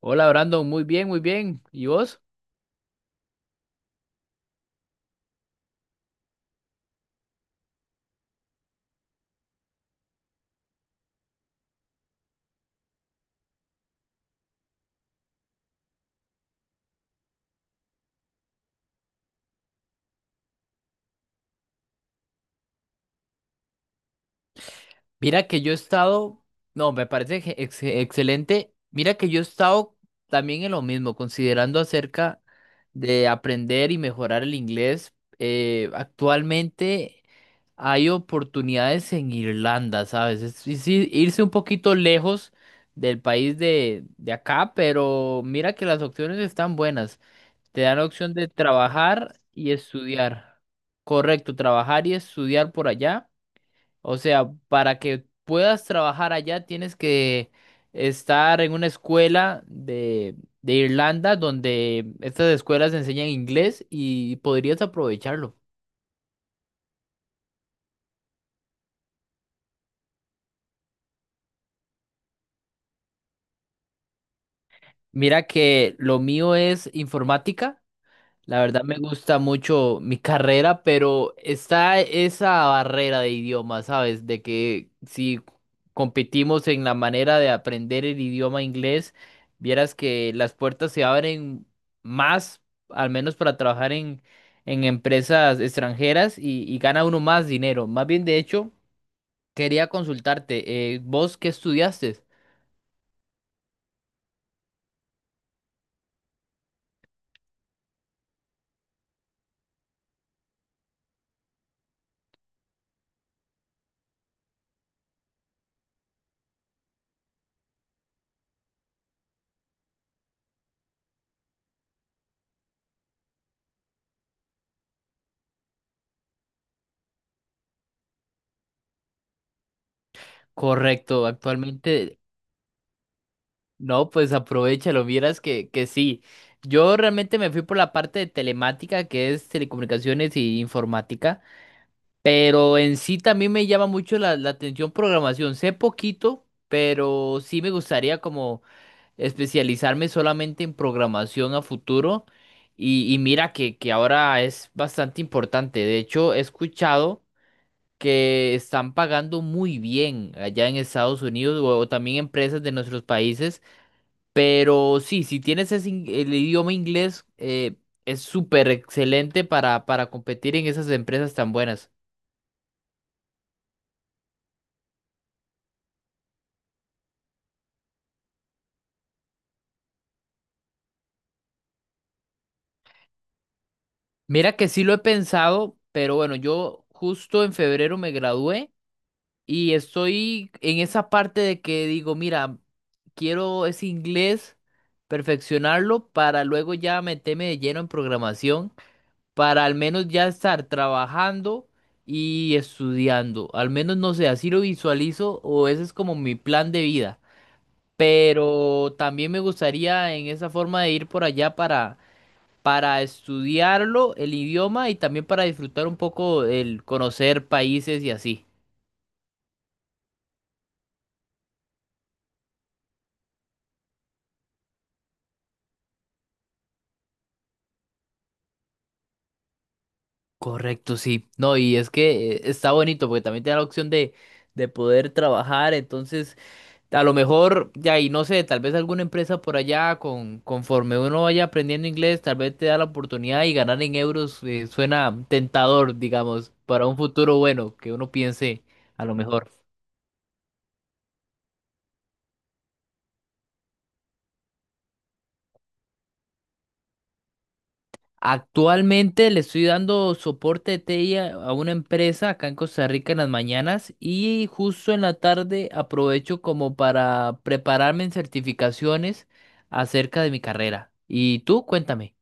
Hola Brandon, muy bien, muy bien. ¿Y vos? Mira que yo he estado, no, me parece que excelente. Mira que yo he estado también en lo mismo, considerando acerca de aprender y mejorar el inglés. Actualmente hay oportunidades en Irlanda, ¿sabes? Irse un poquito lejos del país de acá, pero mira que las opciones están buenas. Te dan la opción de trabajar y estudiar. Correcto, trabajar y estudiar por allá. O sea, para que puedas trabajar allá tienes que estar en una escuela de Irlanda donde estas escuelas enseñan inglés y podrías aprovecharlo. Mira que lo mío es informática. La verdad me gusta mucho mi carrera, pero está esa barrera de idioma, ¿sabes? De que si competimos en la manera de aprender el idioma inglés, vieras que las puertas se abren más, al menos para trabajar en empresas extranjeras y gana uno más dinero. Más bien, de hecho, quería consultarte, ¿vos qué estudiaste? Correcto, actualmente. No, pues aprovechalo, vieras que sí. Yo realmente me fui por la parte de telemática, que es telecomunicaciones y informática, pero en sí también me llama mucho la atención programación. Sé poquito, pero sí me gustaría como especializarme solamente en programación a futuro. Y mira que ahora es bastante importante. De hecho, he escuchado que están pagando muy bien allá en Estados Unidos o también empresas de nuestros países, pero sí, si tienes ese el idioma inglés, es súper excelente para competir en esas empresas tan buenas. Mira que sí lo he pensado, pero bueno, yo justo en febrero me gradué y estoy en esa parte de que digo, mira, quiero ese inglés, perfeccionarlo para luego ya meterme de lleno en programación, para al menos ya estar trabajando y estudiando. Al menos no sé, así lo visualizo o ese es como mi plan de vida. Pero también me gustaría en esa forma de ir por allá para estudiarlo, el idioma y también para disfrutar un poco el conocer países y así. Correcto, sí. No, y es que está bonito porque también te da la opción de poder trabajar, entonces a lo mejor, ya, y no sé, tal vez alguna empresa por allá, conforme uno vaya aprendiendo inglés, tal vez te da la oportunidad y ganar en euros, suena tentador, digamos, para un futuro bueno, que uno piense a lo mejor. Actualmente le estoy dando soporte de TI a una empresa acá en Costa Rica en las mañanas y justo en la tarde aprovecho como para prepararme en certificaciones acerca de mi carrera. ¿Y tú? Cuéntame.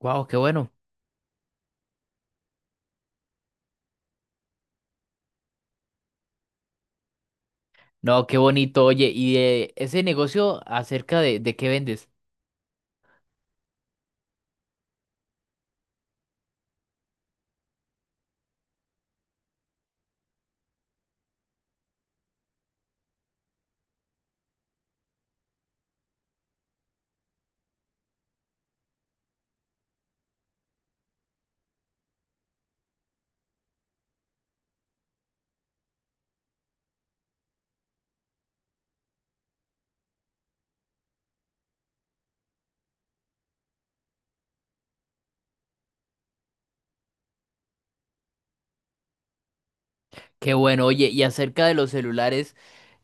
Wow, qué bueno. No, qué bonito. Oye, ¿y de ese negocio acerca de qué vendes? Qué bueno, oye, y acerca de los celulares,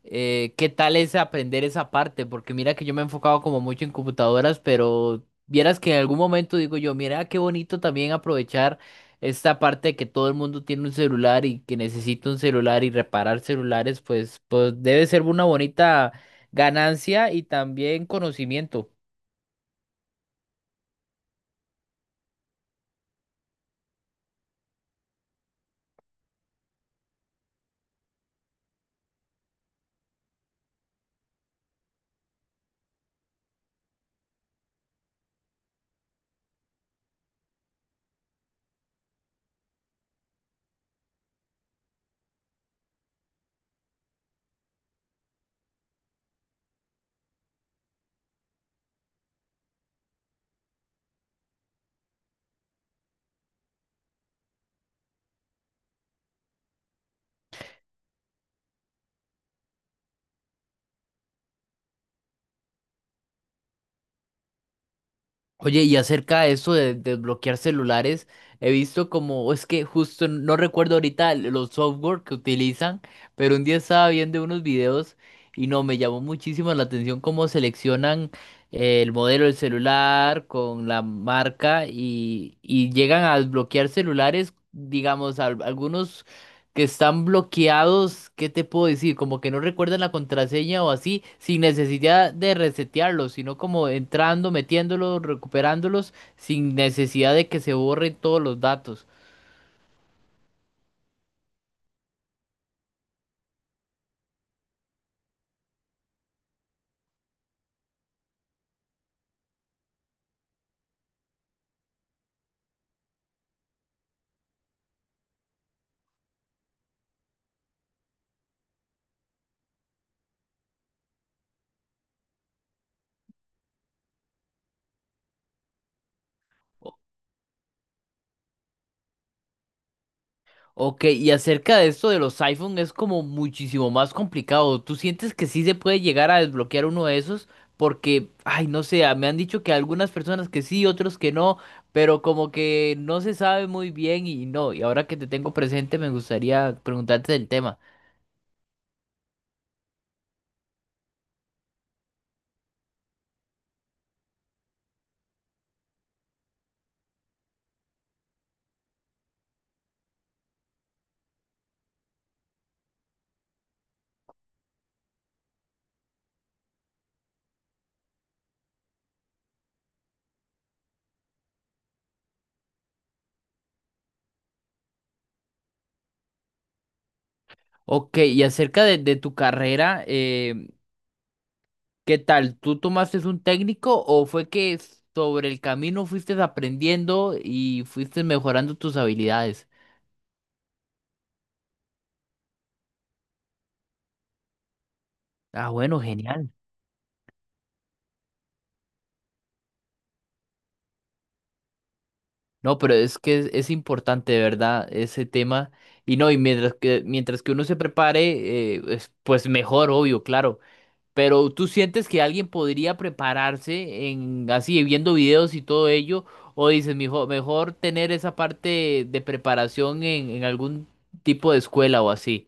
¿qué tal es aprender esa parte? Porque mira que yo me he enfocado como mucho en computadoras, pero vieras que en algún momento digo yo, mira qué bonito también aprovechar esta parte de que todo el mundo tiene un celular y que necesita un celular y reparar celulares, pues, pues debe ser una bonita ganancia y también conocimiento. Oye, y acerca de eso de desbloquear celulares, he visto como, es que justo no recuerdo ahorita los software que utilizan, pero un día estaba viendo unos videos y no, me llamó muchísimo la atención cómo seleccionan, el modelo del celular con la marca y llegan a desbloquear celulares, digamos, algunos que están bloqueados, ¿qué te puedo decir? Como que no recuerdan la contraseña o así, sin necesidad de resetearlos, sino como entrando, metiéndolos, recuperándolos, sin necesidad de que se borren todos los datos. Ok, y acerca de esto de los iPhone es como muchísimo más complicado. ¿Tú sientes que sí se puede llegar a desbloquear uno de esos? Porque, ay, no sé, me han dicho que algunas personas que sí, otros que no, pero como que no se sabe muy bien y no. Y ahora que te tengo presente, me gustaría preguntarte del tema. Ok, y acerca de tu carrera, ¿qué tal? ¿Tú tomaste un técnico o fue que sobre el camino fuiste aprendiendo y fuiste mejorando tus habilidades? Ah, bueno, genial. No, pero es que es importante, de verdad, ese tema. Y no, y mientras que uno se prepare, pues mejor, obvio, claro. Pero tú sientes que alguien podría prepararse en así, viendo videos y todo ello, o dices, mejor tener esa parte de preparación en algún tipo de escuela o así.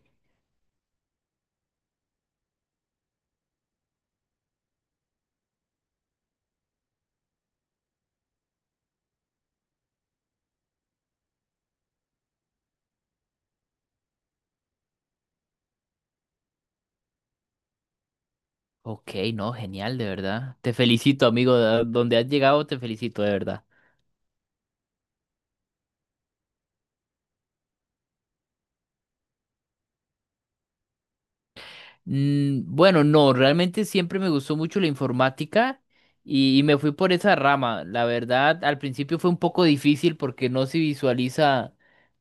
Ok, no, genial, de verdad. Te felicito, amigo. Donde has llegado, te felicito, de verdad. Bueno, no, realmente siempre me gustó mucho la informática y me fui por esa rama. La verdad, al principio fue un poco difícil porque no se visualiza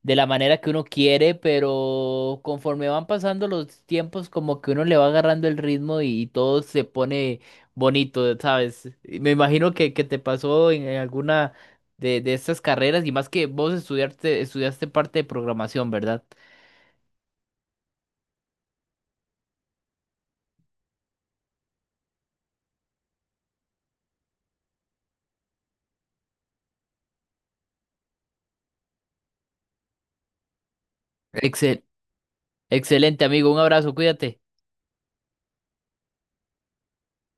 de la manera que uno quiere, pero conforme van pasando los tiempos, como que uno le va agarrando el ritmo y todo se pone bonito, ¿sabes? Y me imagino que te pasó en alguna de estas carreras y más que vos estudiaste, estudiaste parte de programación, ¿verdad? Excel, Excelente, amigo. Un abrazo, cuídate.